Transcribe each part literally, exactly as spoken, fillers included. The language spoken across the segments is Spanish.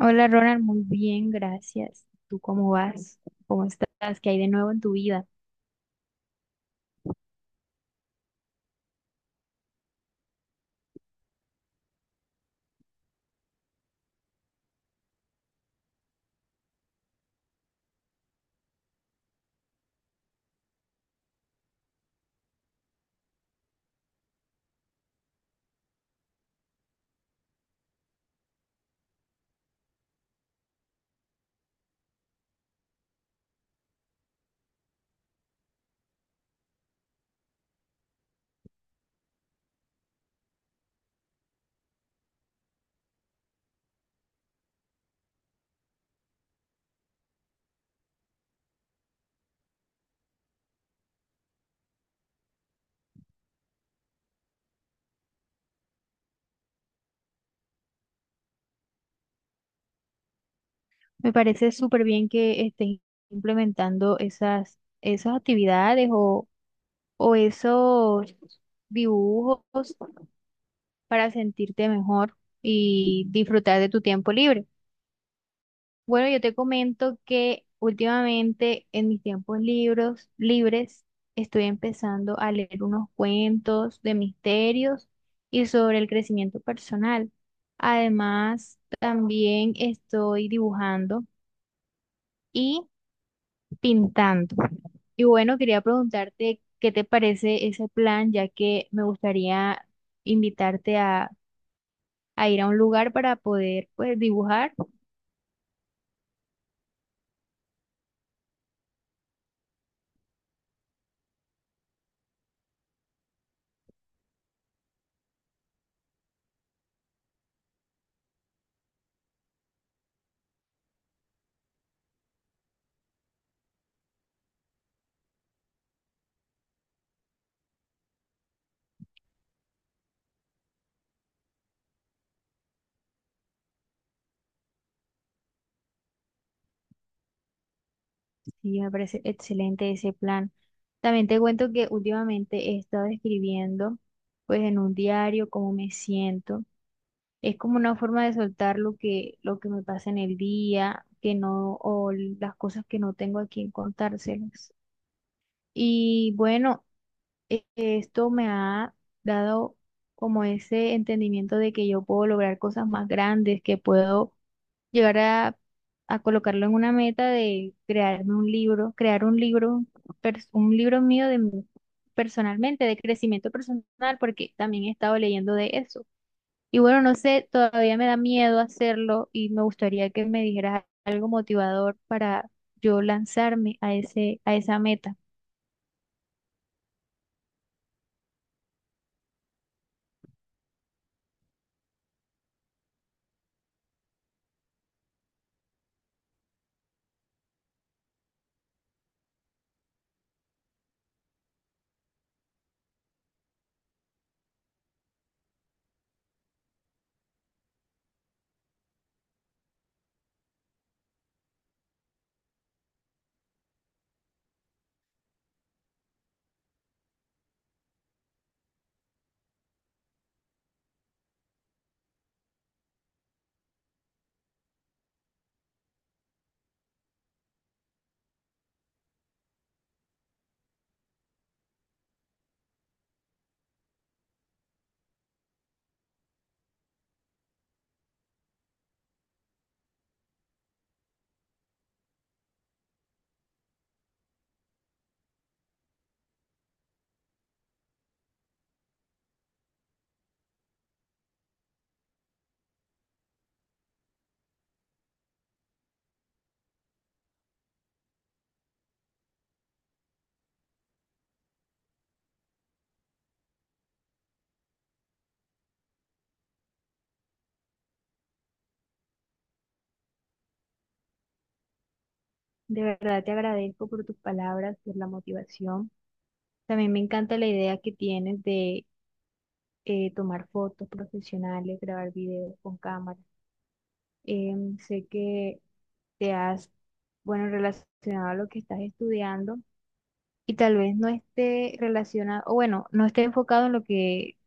Hola Ronald, muy bien, gracias. ¿Tú cómo vas? ¿Cómo estás? ¿Qué hay de nuevo en tu vida? Me parece súper bien que estés implementando esas, esas actividades o, o esos dibujos para sentirte mejor y disfrutar de tu tiempo libre. Bueno, yo te comento que últimamente en mis tiempos libros, libres estoy empezando a leer unos cuentos de misterios y sobre el crecimiento personal. Además, también estoy dibujando y pintando. Y bueno, quería preguntarte qué te parece ese plan, ya que me gustaría invitarte a, a ir a un lugar para poder pues dibujar. Sí, me parece excelente ese plan. También te cuento que últimamente he estado escribiendo pues en un diario cómo me siento. Es como una forma de soltar lo que, lo que me pasa en el día, que no, o las cosas que no tengo a quien contárselas. Y bueno, eh, esto me ha dado como ese entendimiento de que yo puedo lograr cosas más grandes, que puedo llegar a, a colocarlo en una meta de crearme un libro, crear un libro, pers- un libro mío de mí personalmente, de crecimiento personal, porque también he estado leyendo de eso. Y bueno, no sé, todavía me da miedo hacerlo y me gustaría que me dijeras algo motivador para yo lanzarme a ese, a esa meta. De verdad te agradezco por tus palabras, por la motivación. También me encanta la idea que tienes de eh, tomar fotos profesionales, grabar videos con cámara. Em, sé que te has, bueno, relacionado a lo que estás estudiando y tal vez no esté relacionado, o bueno, no esté enfocado en lo que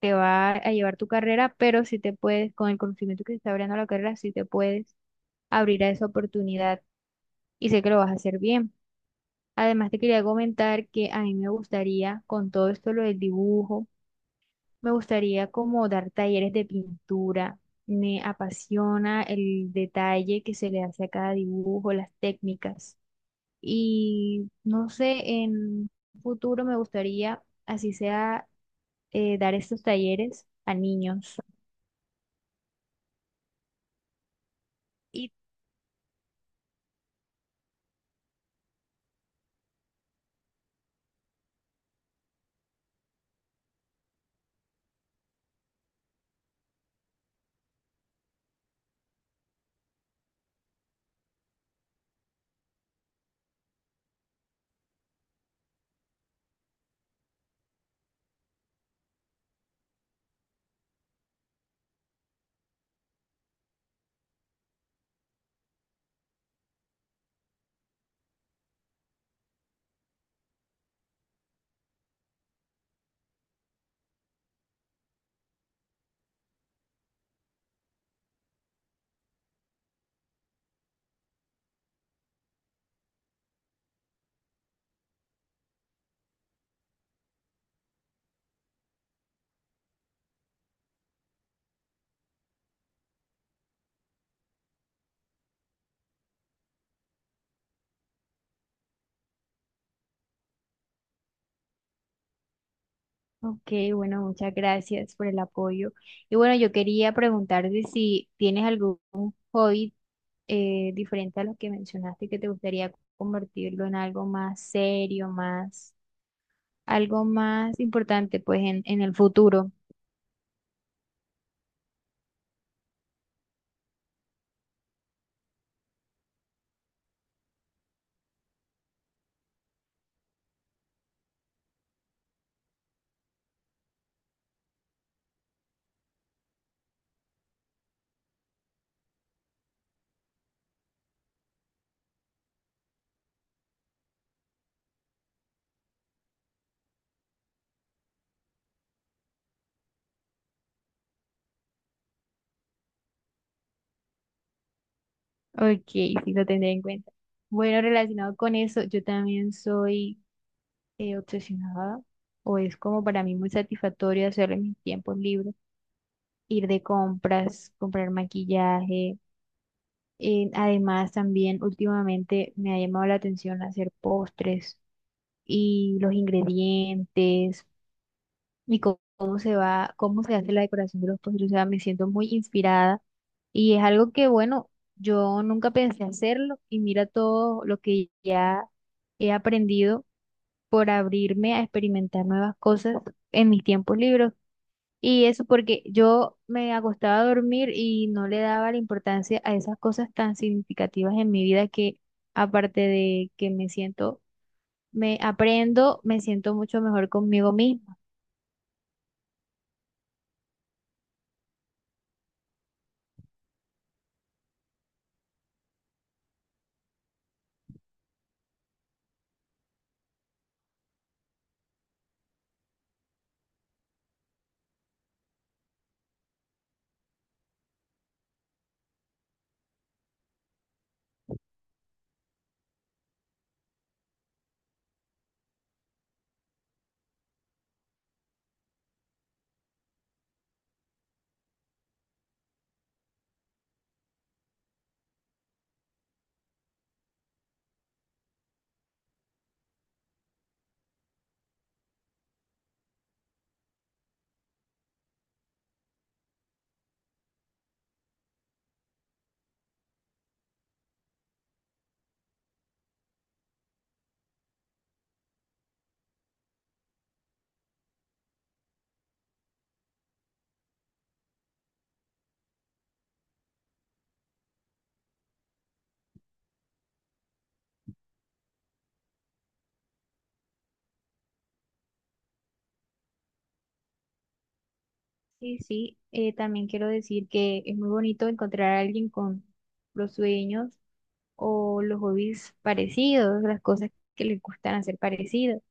te va a llevar tu carrera, pero sí te puedes, con el conocimiento que te está abriendo la carrera, sí te puedes abrir a esa oportunidad y sé que lo vas a hacer bien. Además, te quería comentar que a mí me gustaría, con todo esto lo del dibujo, me gustaría como dar talleres de pintura. Me apasiona el detalle que se le hace a cada dibujo, las técnicas. Y no sé, en un futuro me gustaría, así sea, eh, dar estos talleres a niños. Y, ok, bueno, muchas gracias por el apoyo. Y bueno, yo quería preguntarte si tienes algún hobby eh, diferente a lo que mencionaste, que te gustaría convertirlo en algo más serio, más, algo más importante, pues en, en el futuro. Ok, sí, lo tendré en cuenta. Bueno, relacionado con eso, yo también soy eh, obsesionada, o es como para mí muy satisfactorio hacer en mis tiempos libres, ir de compras, comprar maquillaje. Eh, además, también últimamente me ha llamado la atención hacer postres y los ingredientes y co- cómo se va, cómo se hace la decoración de los postres. O sea, me siento muy inspirada y es algo que, bueno, yo nunca pensé hacerlo y mira todo lo que ya he aprendido por abrirme a experimentar nuevas cosas en mis tiempos libres. Y eso porque yo me acostaba a dormir y no le daba la importancia a esas cosas tan significativas en mi vida que aparte de que me siento, me aprendo, me siento mucho mejor conmigo misma. Sí, sí, eh, también quiero decir que es muy bonito encontrar a alguien con los sueños o los hobbies parecidos, las cosas que le gustan hacer parecidos.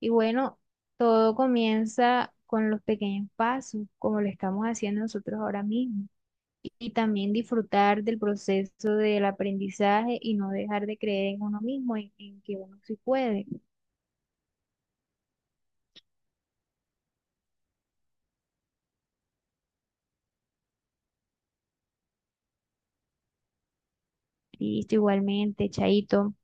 Y bueno, todo comienza con los pequeños pasos, como lo estamos haciendo nosotros ahora mismo. Y, y también disfrutar del proceso del aprendizaje y no dejar de creer en uno mismo, en, en que uno sí puede. Listo, igualmente, Chaito.